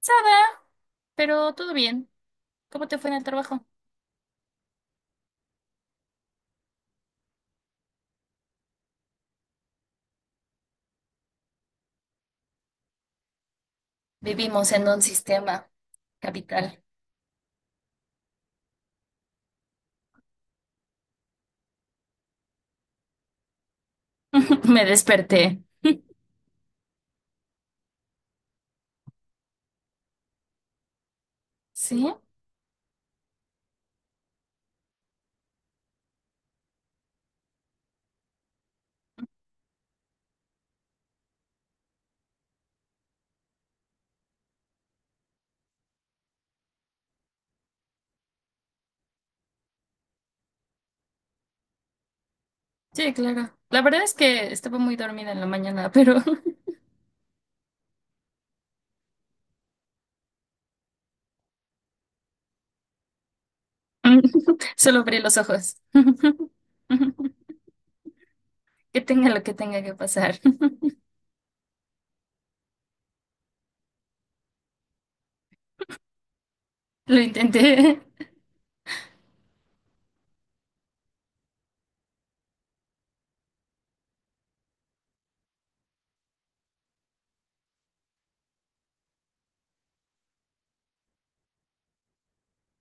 Sada, pero todo bien. ¿Cómo te fue en el trabajo? Vivimos en un sistema capital. Me desperté. ¿Sí? Sí, claro. La verdad es que estaba muy dormida en la mañana, pero solo abrí los ojos. Que tenga lo que tenga que pasar. Lo intenté.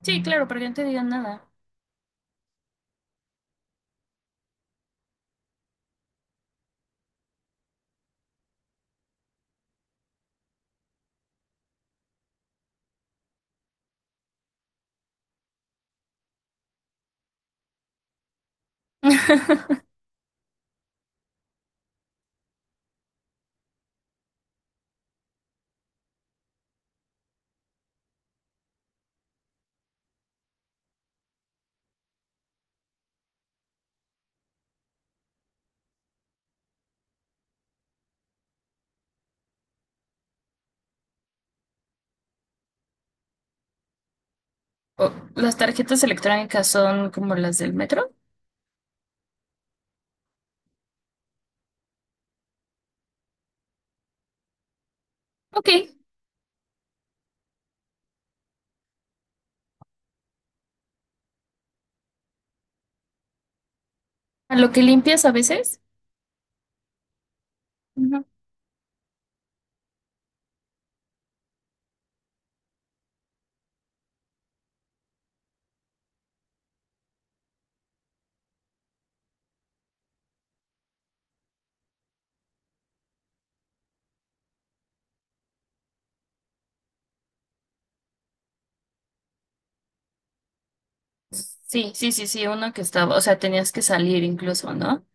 Sí, claro, para que no te digan nada. Oh, ¿las tarjetas electrónicas son como las del metro? Ok. ¿A lo que limpias a veces? Sí, sí, sí, sí, uno que estaba, o sea, tenías que salir incluso, ¿no?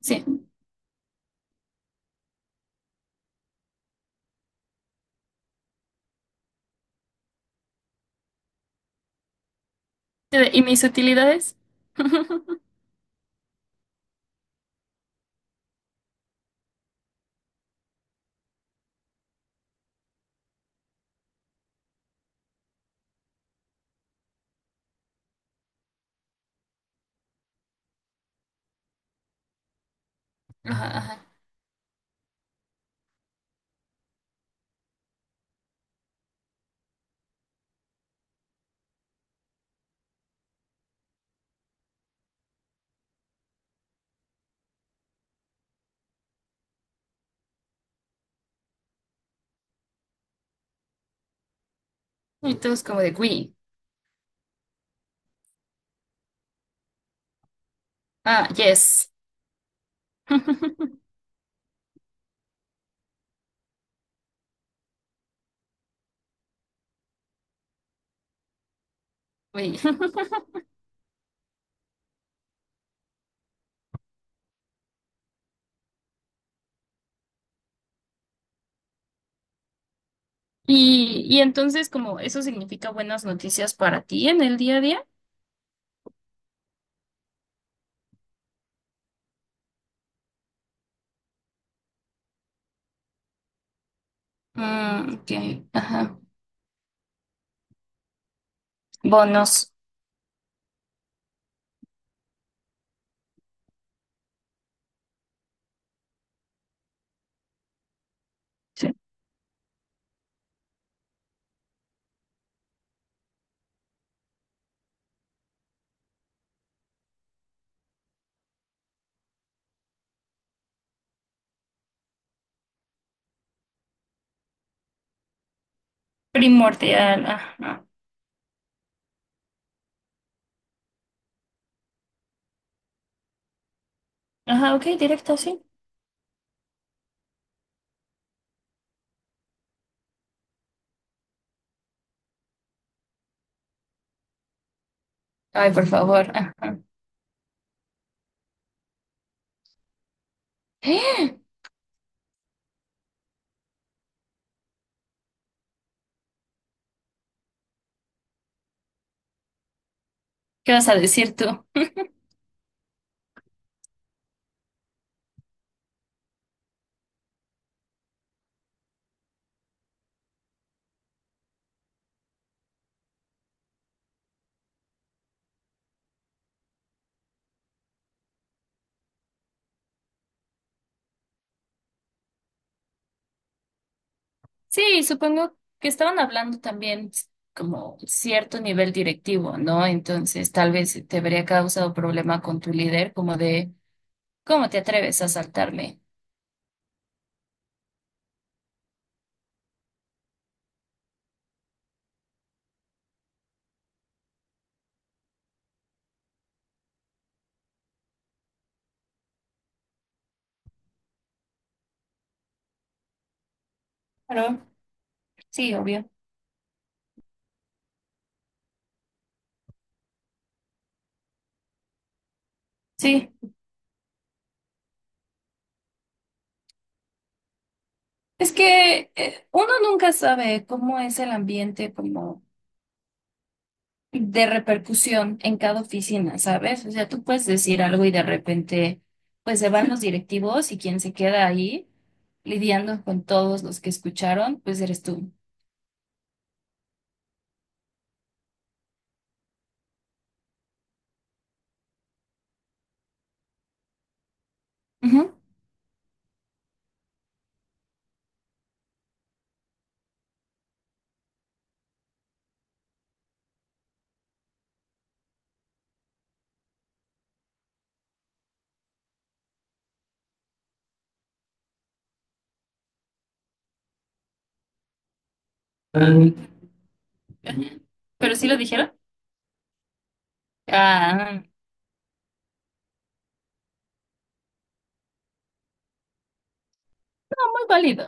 Sí. ¿Y mis utilidades? Ajá, ajá. Y todos como de, oui. Ah, yes. Oui. Y entonces como eso significa buenas noticias para ti en el día a día. Mm, ok, ajá. Bonos. Sí. Primordial, ajá. Ajá, ok, directo, sí. Ay, por favor, ajá. ¿Qué vas a decir tú? Sí, supongo que estaban hablando también como cierto nivel directivo, ¿no? Entonces, tal vez te habría causado problema con tu líder, como de, ¿cómo te atreves a saltarme? Claro, sí, obvio. Sí, es que uno nunca sabe cómo es el ambiente como de repercusión en cada oficina, ¿sabes? O sea, tú puedes decir algo y de repente pues se van los directivos y quien se queda ahí lidiando con todos los que escucharon, pues eres tú. Ujú. Pero sí lo dijeron. Ah, muy válido.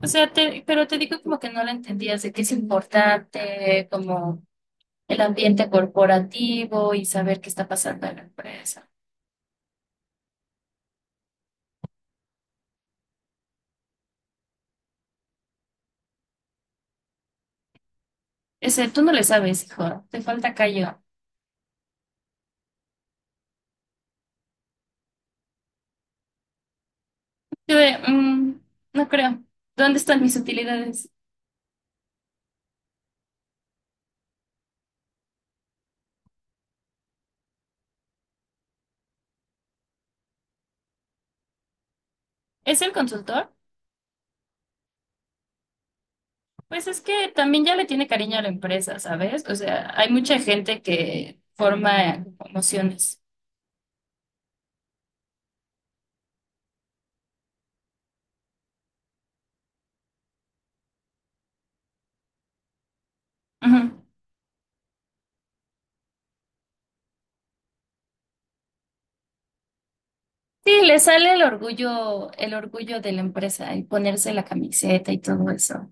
O sea, te, pero te digo como que no lo entendías de que es importante, como el ambiente corporativo y saber qué está pasando en la empresa. Ese, tú no le sabes, hijo, te falta callo. Yo de, "Mm, no creo. ¿Dónde están mis utilidades? ¿Es el consultor? Pues es que también ya le tiene cariño a la empresa, ¿sabes? O sea, hay mucha gente que forma emociones. Sí, le sale el orgullo de la empresa, el ponerse la camiseta y todo eso.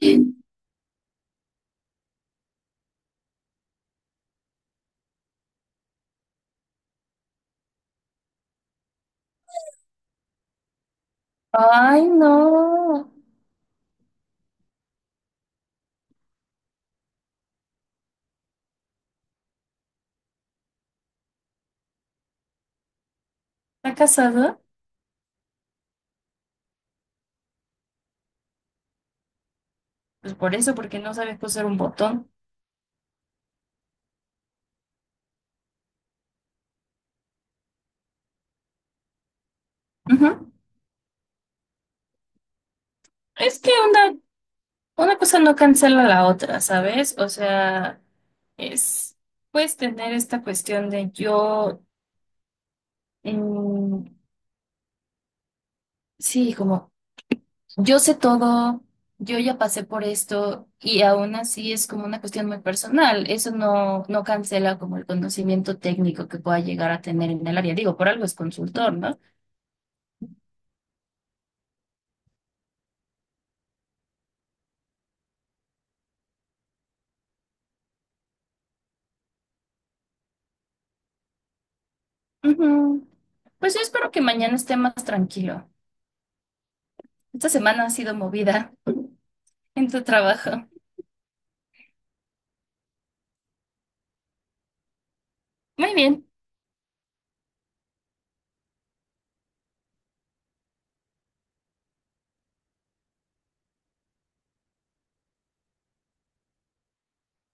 Ay, no. ¿Está casada? Pues por eso, porque no sabe coser un botón. Ujú. Es que una cosa no cancela la otra, ¿sabes? O sea, es, puedes tener esta cuestión de yo, mm, sí, como yo sé todo, yo ya pasé por esto y aún así es como una cuestión muy personal. Eso no, no cancela como el conocimiento técnico que pueda llegar a tener en el área. Digo, por algo es consultor, ¿no? Ujú. Pues yo espero que mañana esté más tranquilo. Esta semana ha sido movida en tu trabajo. Muy bien.